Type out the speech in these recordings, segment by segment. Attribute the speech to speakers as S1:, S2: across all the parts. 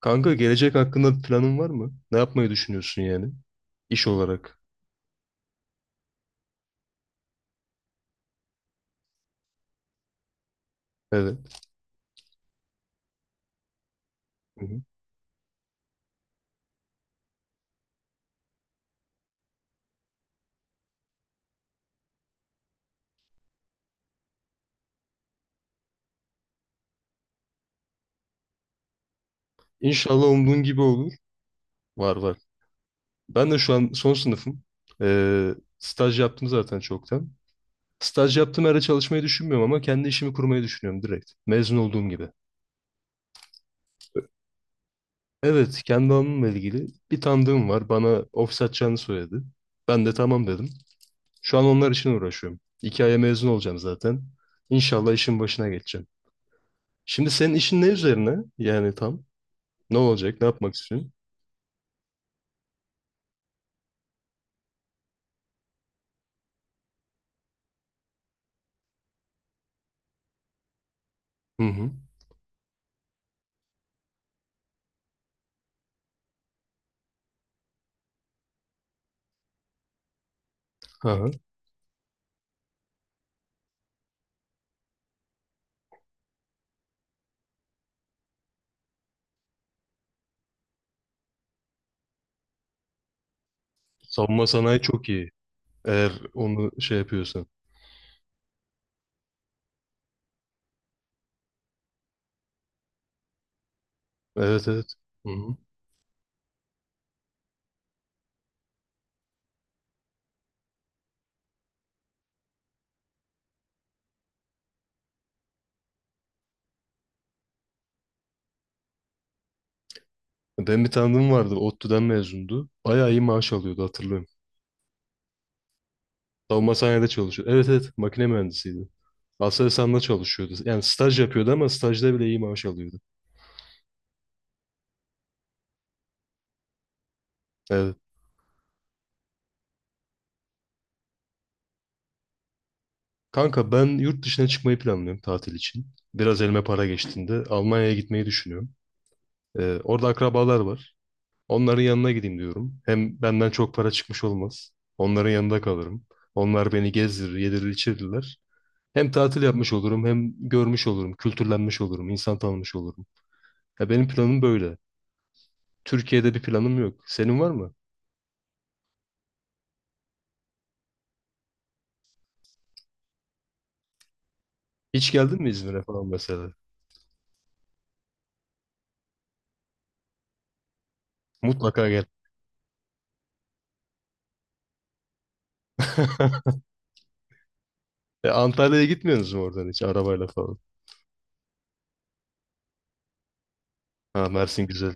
S1: Kanka gelecek hakkında planın var mı? Ne yapmayı düşünüyorsun yani? İş olarak. Evet. Hı hı. İnşallah umduğun gibi olur. Var var. Ben de şu an son sınıfım. Staj yaptım zaten çoktan. Staj yaptığım yerde çalışmayı düşünmüyorum ama kendi işimi kurmayı düşünüyorum direkt. Mezun olduğum gibi. Evet, kendi alanımla ilgili bir tanıdığım var. Bana ofis açacağını söyledi. Ben de tamam dedim. Şu an onlar için uğraşıyorum. İki aya mezun olacağım zaten. İnşallah işin başına geçeceğim. Şimdi senin işin ne üzerine? Yani tam. Ne olacak? Ne yapmak istiyorsun? Hı hı. Aha. Savunma sanayi çok iyi. Eğer onu şey yapıyorsan. Evet evet. Hı hı. Ben bir tanıdığım vardı. ODTÜ'den mezundu. Bayağı iyi maaş alıyordu hatırlıyorum. Savunma sanayide çalışıyordu. Evet evet. Makine mühendisiydi. Aselsan'da çalışıyordu. Yani staj yapıyordu ama stajda bile iyi maaş alıyordu. Evet. Kanka ben yurt dışına çıkmayı planlıyorum tatil için. Biraz elime para geçtiğinde Almanya'ya gitmeyi düşünüyorum. Orada akrabalar var. Onların yanına gideyim diyorum. Hem benden çok para çıkmış olmaz. Onların yanında kalırım. Onlar beni gezdirir, yedirir, içirirler. Hem tatil yapmış olurum, hem görmüş olurum, kültürlenmiş olurum, insan tanımış olurum. Ya benim planım böyle. Türkiye'de bir planım yok. Senin var mı? Hiç geldin mi İzmir'e falan mesela? Mutlaka gel. Antalya'ya gitmiyorsunuz mu oradan hiç arabayla falan? Ha Mersin güzel.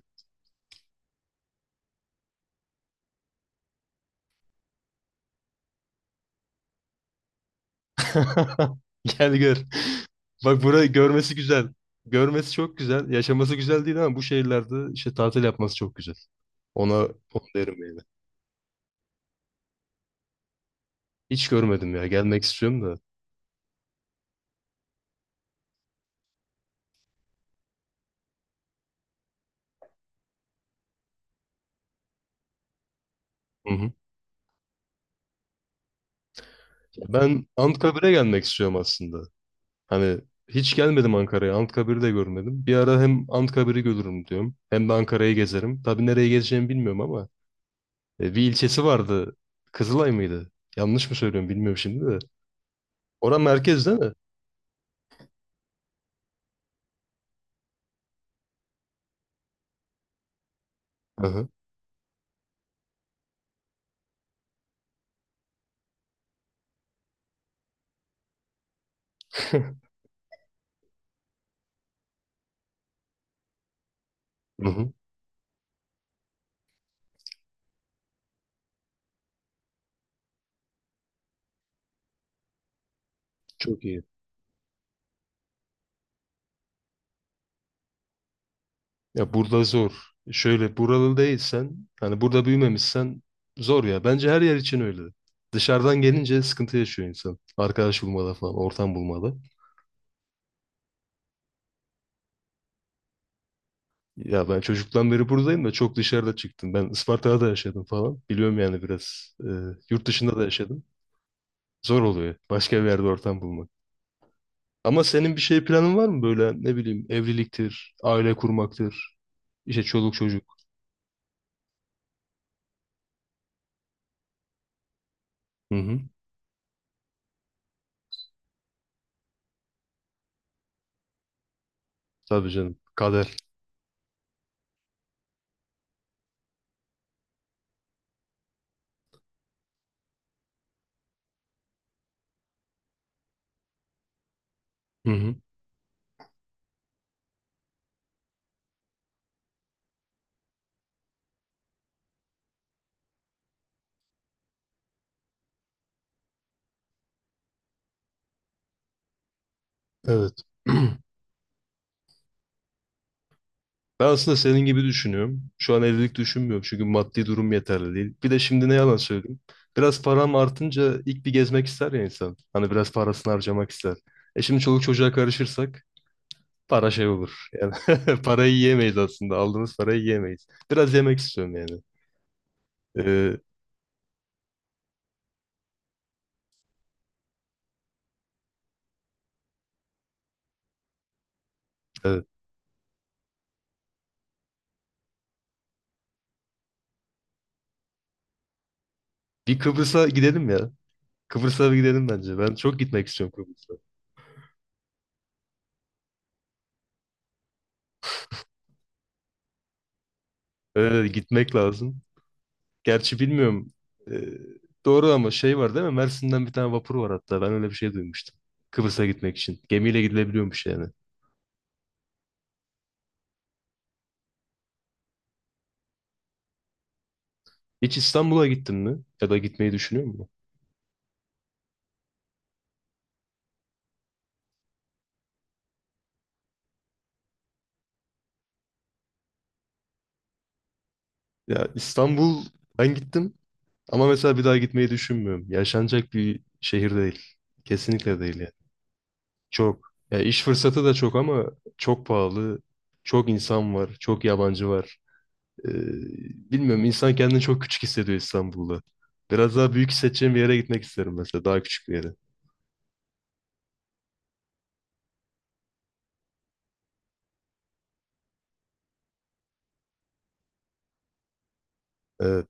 S1: Gel gör. Bak burayı görmesi güzel. Görmesi çok güzel. Yaşaması güzel değil ama bu şehirlerde işte tatil yapması çok güzel. Ona onu derim yani. Hiç görmedim ya. Gelmek istiyorum da. Hı hı. Ben Anıtkabir'e gelmek istiyorum aslında. Hani hiç gelmedim Ankara'ya. Anıtkabir'i de görmedim. Bir ara hem Anıtkabir'i görürüm diyorum. Hem de Ankara'yı gezerim. Tabii nereye gezeceğimi bilmiyorum ama bir ilçesi vardı. Kızılay mıydı? Yanlış mı söylüyorum bilmiyorum şimdi de. Orası merkez değil mi? Hı hı. Hı hı. Çok iyi. Ya burada zor. Şöyle buralı değilsen, hani burada büyümemişsen zor ya. Bence her yer için öyle. Dışarıdan gelince sıkıntı yaşıyor insan. Arkadaş bulmada falan, ortam bulmada. Ya ben çocuktan beri buradayım da çok dışarıda çıktım. Ben Isparta'da da yaşadım falan. Biliyorum yani biraz. Yurt dışında da yaşadım. Zor oluyor. Başka bir yerde ortam bulmak. Ama senin bir şey planın var mı böyle ne bileyim evliliktir, aile kurmaktır, işte çoluk çocuk. Hı hı. Tabii canım. Kader. Hı hı. Evet. Ben aslında senin gibi düşünüyorum. Şu an evlilik düşünmüyorum çünkü maddi durum yeterli değil. Bir de şimdi ne yalan söyleyeyim. Biraz param artınca ilk bir gezmek ister ya insan. Hani biraz parasını harcamak ister. E şimdi çoluk çocuğa karışırsak para şey olur. Yani parayı yiyemeyiz aslında. Aldığımız parayı yiyemeyiz. Biraz yemek istiyorum yani. Ee, evet. Bir Kıbrıs'a gidelim ya. Kıbrıs'a bir gidelim bence. Ben çok gitmek istiyorum Kıbrıs'a. Evet, gitmek lazım. Gerçi bilmiyorum. Ee, doğru ama şey var değil mi? Mersin'den bir tane vapur var hatta. Ben öyle bir şey duymuştum. Kıbrıs'a gitmek için. Gemiyle gidilebiliyormuş yani. Hiç İstanbul'a gittin mi? Ya da gitmeyi düşünüyor musun? Ya İstanbul ben gittim ama mesela bir daha gitmeyi düşünmüyorum. Yaşanacak bir şehir değil. Kesinlikle değil yani. Çok. Ya iş fırsatı da çok ama çok pahalı. Çok insan var. Çok yabancı var. Ee, bilmiyorum insan kendini çok küçük hissediyor İstanbul'da. Biraz daha büyük hissedeceğim bir yere gitmek isterim mesela. Daha küçük bir yere. Evet.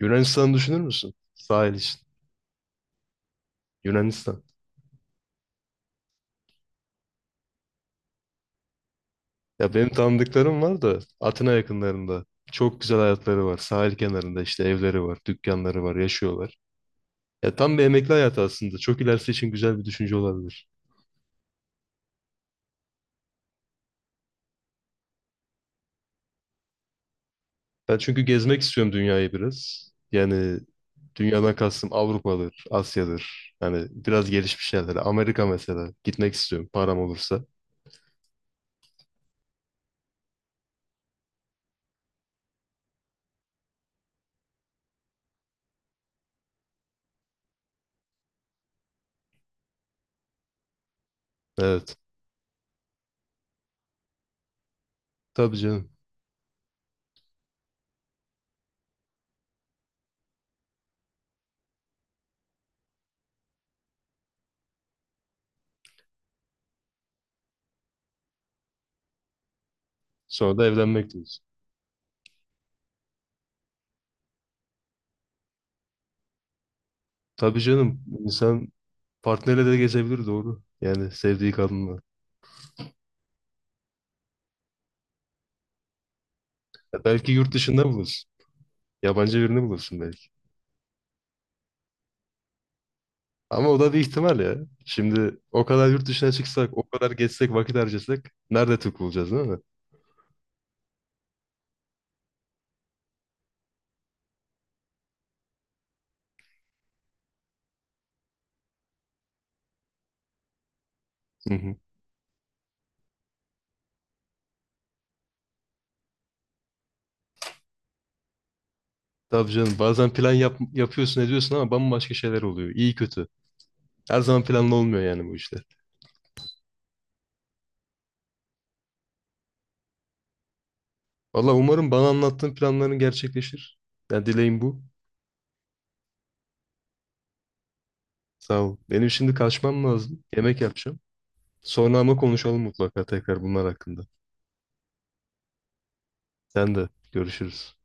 S1: Yunanistan düşünür müsün? Sahil için. Yunanistan. Ya benim tanıdıklarım var da Atina yakınlarında. Çok güzel hayatları var. Sahil kenarında işte evleri var, dükkanları var, yaşıyorlar. Ya tam bir emekli hayatı aslında. Çok ilerisi için güzel bir düşünce olabilir. Ben çünkü gezmek istiyorum dünyayı biraz. Yani dünyadan kastım Avrupa'dır, Asya'dır. Yani biraz gelişmiş yerlere. Amerika mesela. Gitmek istiyorum param olursa. Evet. Tabii canım. Sonra da evlenmek diyoruz. Tabii canım. İnsan partnerle de gezebilir doğru. Yani sevdiği kadınla. Ya belki yurt dışında bulursun. Yabancı birini bulursun belki. Ama o da bir ihtimal ya. Şimdi o kadar yurt dışına çıksak, o kadar gezsek, vakit harcasak nerede Türk bulacağız değil mi? Hı hı. Tabii canım bazen plan yapıyorsun ediyorsun ama bambaşka şeyler oluyor. İyi kötü. Her zaman planlı olmuyor yani bu işler. Valla umarım bana anlattığın planların gerçekleşir. Yani dileğim bu. Sağ ol. Benim şimdi kaçmam lazım. Yemek yapacağım. Sonra ama konuşalım mutlaka tekrar bunlar hakkında. Sen de görüşürüz.